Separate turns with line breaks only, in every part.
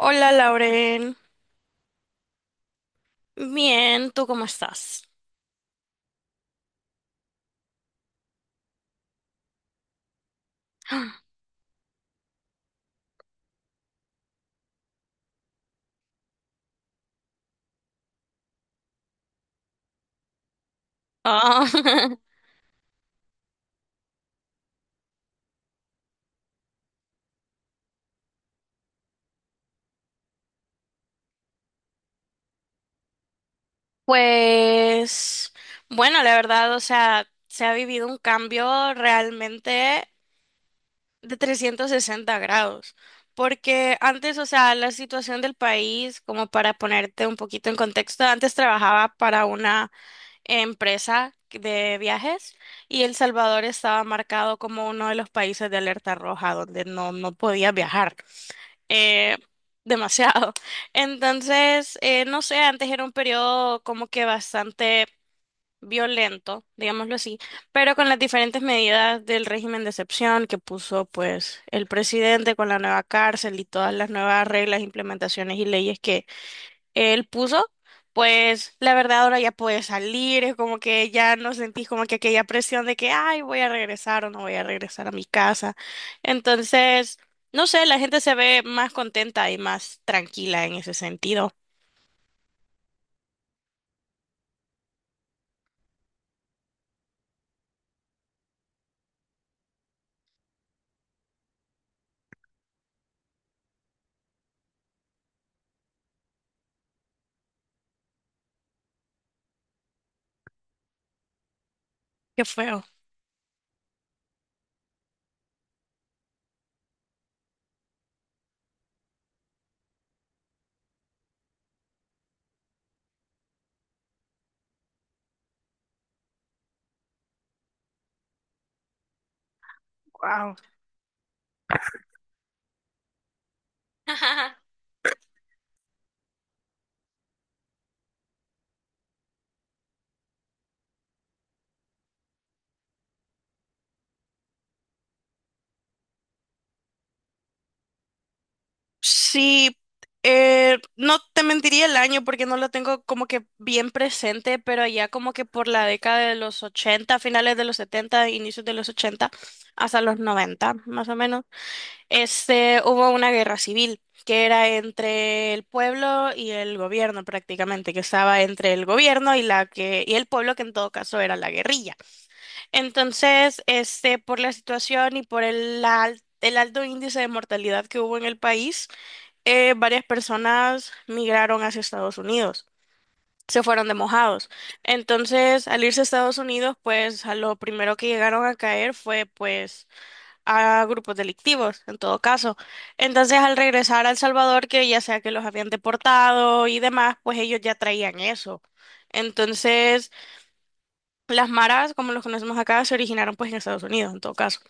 Hola, Lauren. Bien, ¿tú cómo estás? Ah, pues bueno, la verdad, o sea, se ha vivido un cambio realmente de 360 grados, porque antes, o sea, la situación del país, como para ponerte un poquito en contexto, antes trabajaba para una empresa de viajes y El Salvador estaba marcado como uno de los países de alerta roja donde no podía viajar. eh, Demasiado. Entonces, no sé, antes era un periodo como que bastante violento, digámoslo así, pero con las diferentes medidas del régimen de excepción que puso pues el presidente con la nueva cárcel y todas las nuevas reglas, implementaciones y leyes que él puso, pues la verdad ahora ya puedes salir, es como que ya no sentís como que aquella presión de que, ay, voy a regresar o no voy a regresar a mi casa. Entonces, no sé, la gente se ve más contenta y más tranquila en ese sentido. Qué feo. Wow. Sí, no te mentiría el año porque no lo tengo como que bien presente, pero ya como que por la década de los ochenta, finales de los setenta, inicios de los 80 hasta los 90 más o menos. Este, hubo una guerra civil que era entre el pueblo y el gobierno prácticamente, que estaba entre el gobierno y la que y el pueblo que en todo caso era la guerrilla. Entonces, este, por la situación y por el el alto índice de mortalidad que hubo en el país, varias personas migraron hacia Estados Unidos. Se fueron de mojados. Entonces, al irse a Estados Unidos, pues a lo primero que llegaron a caer fue pues a grupos delictivos, en todo caso. Entonces, al regresar a El Salvador, que ya sea que los habían deportado y demás, pues ellos ya traían eso. Entonces, las maras, como los conocemos acá, se originaron pues en Estados Unidos, en todo caso.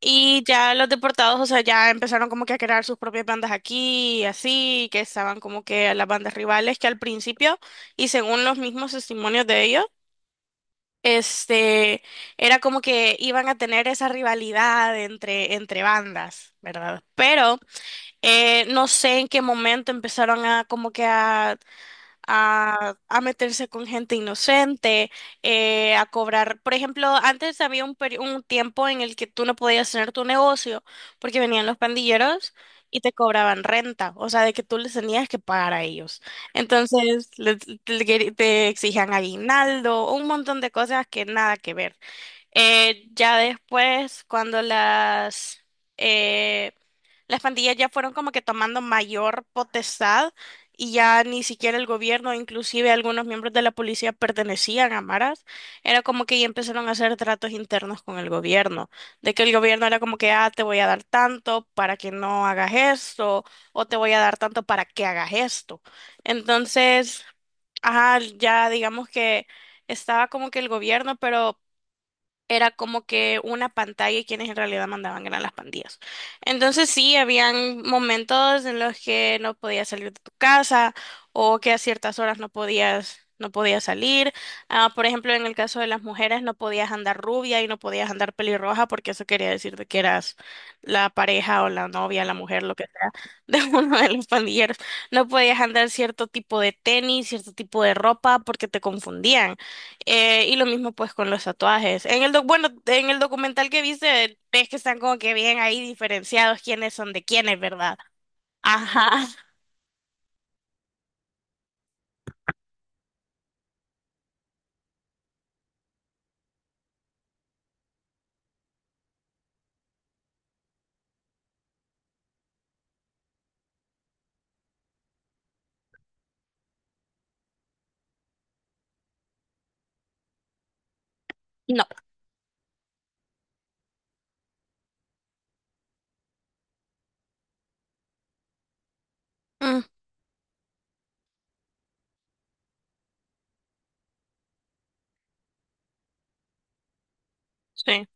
Y ya los deportados, o sea, ya empezaron como que a crear sus propias bandas aquí, y así, que estaban como que a las bandas rivales, que al principio, y según los mismos testimonios de ellos, este, era como que iban a tener esa rivalidad entre, entre bandas, ¿verdad? Pero no sé en qué momento empezaron a como que a a meterse con gente inocente, a cobrar. Por ejemplo, antes había un tiempo en el que tú no podías tener tu negocio porque venían los pandilleros y te cobraban renta, o sea, de que tú les tenías que pagar a ellos. Entonces, te exigían aguinaldo, un montón de cosas que nada que ver. Ya después, cuando eh, las pandillas ya fueron como que tomando mayor potestad y ya ni siquiera el gobierno, inclusive algunos miembros de la policía pertenecían a maras, era como que ya empezaron a hacer tratos internos con el gobierno, de que el gobierno era como que, ah, te voy a dar tanto para que no hagas esto, o te voy a dar tanto para que hagas esto. Entonces, ajá, ya digamos que estaba como que el gobierno, pero era como que una pantalla y quienes en realidad mandaban eran las pandillas. Entonces sí, habían momentos en los que no podías salir de tu casa o que a ciertas horas no podías salir. Ah, por ejemplo, en el caso de las mujeres no podías andar rubia y no podías andar pelirroja porque eso quería decir de que eras la pareja o la novia, la mujer, lo que sea, de uno de los pandilleros. No podías andar cierto tipo de tenis, cierto tipo de ropa porque te confundían. Y lo mismo pues con los tatuajes. En el bueno, en el documental que viste, ves que están como que bien ahí diferenciados quiénes son de quiénes, ¿verdad? Ajá, no. Mm, sí.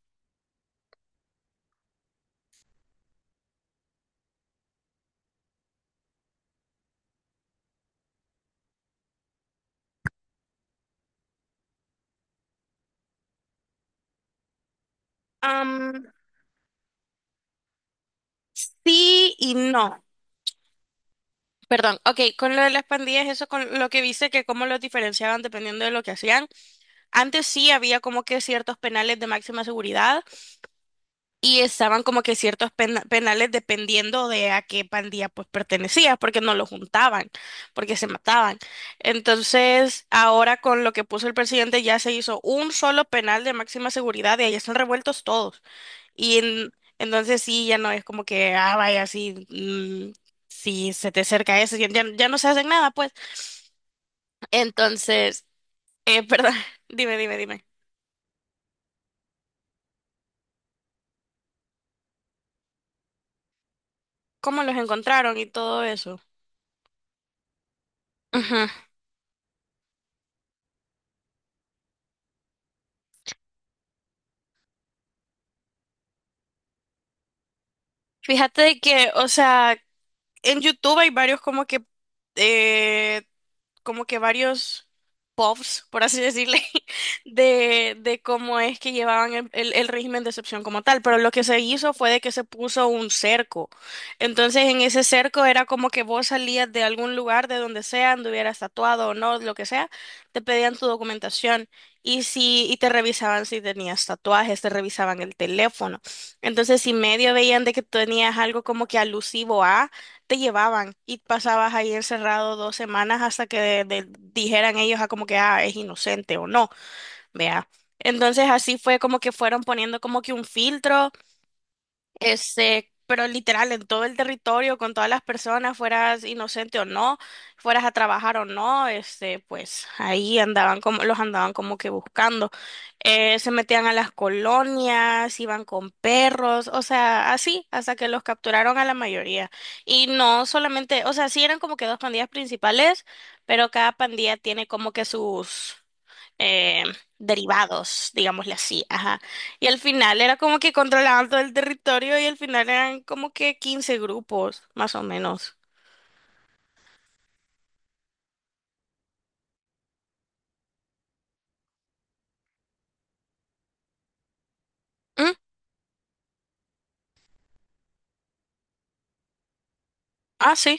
Am, sí y no. Perdón, ok, con lo de las pandillas, eso con lo que viste, que cómo los diferenciaban dependiendo de lo que hacían. Antes sí había como que ciertos penales de máxima seguridad, y estaban como que ciertos penales dependiendo de a qué pandilla pues pertenecías, porque no lo juntaban, porque se mataban. Entonces, ahora con lo que puso el presidente ya se hizo un solo penal de máxima seguridad y ahí están revueltos todos. Y entonces sí, ya no es como que, ah, vaya, sí, si se te acerca eso, ya, ya no se hacen nada, pues. Entonces, perdón, dime, dime, dime, ¿cómo los encontraron y todo eso? Ujú. Fíjate que, o sea, en YouTube hay varios eh, como que varios pops por así decirle, de cómo es que llevaban el régimen de excepción como tal, pero lo que se hizo fue de que se puso un cerco. Entonces en ese cerco era como que vos salías de algún lugar, de donde sea, anduvieras tatuado o no, lo que sea, te pedían tu documentación y te revisaban si tenías tatuajes, te revisaban el teléfono. Entonces si medio veían de que tenías algo como que alusivo a, te llevaban y pasabas ahí encerrado 2 semanas hasta que dijeran ellos a como que ah, es inocente o no, vea. Entonces así fue como que fueron poniendo como que un filtro este, pero literal, en todo el territorio, con todas las personas, fueras inocente o no, fueras a trabajar o no, este, pues ahí andaban como, los andaban como que buscando. Se metían a las colonias, iban con perros, o sea, así, hasta que los capturaron a la mayoría. Y no solamente, o sea, sí eran como que dos pandillas principales, pero cada pandilla tiene como que sus eh, derivados, digámosle así, ajá. Y al final era como que controlaban todo el territorio y al final eran como que 15 grupos, más o menos. ¿Mm? Ah, sí.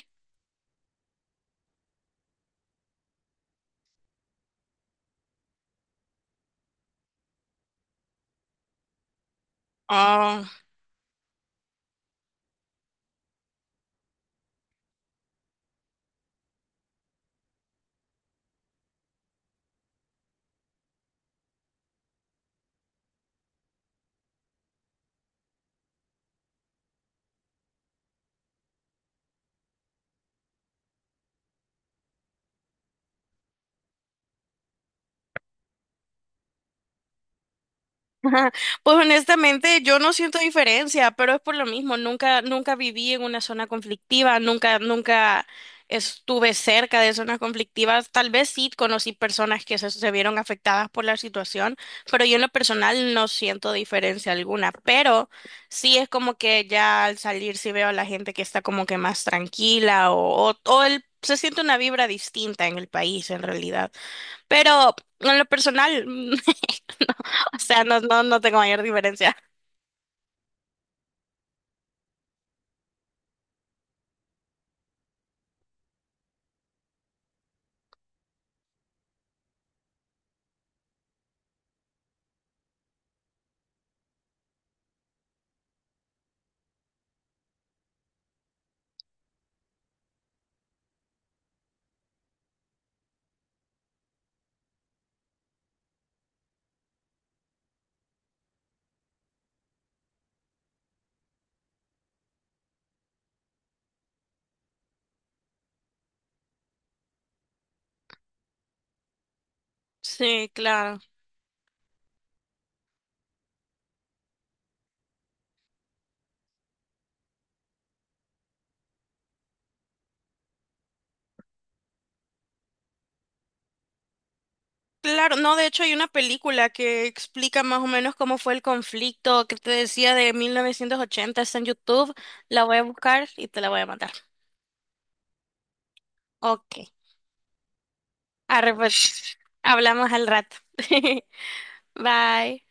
Ah. Ajá. Pues honestamente yo no siento diferencia, pero es por lo mismo, nunca, nunca viví en una zona conflictiva, nunca, nunca estuve cerca de zonas conflictivas, tal vez sí conocí personas que se vieron afectadas por la situación, pero yo en lo personal no siento diferencia alguna, pero sí es como que ya al salir sí veo a la gente que está como que más tranquila o, o se siente una vibra distinta en el país en realidad, pero en lo personal. O sea, no tengo mayor diferencia. Sí, claro. Claro, no, de hecho hay una película que explica más o menos cómo fue el conflicto que te decía de 1980, está en YouTube, la voy a buscar y te la voy a mandar. Ok. Arre, pues, hablamos al rato. Bye.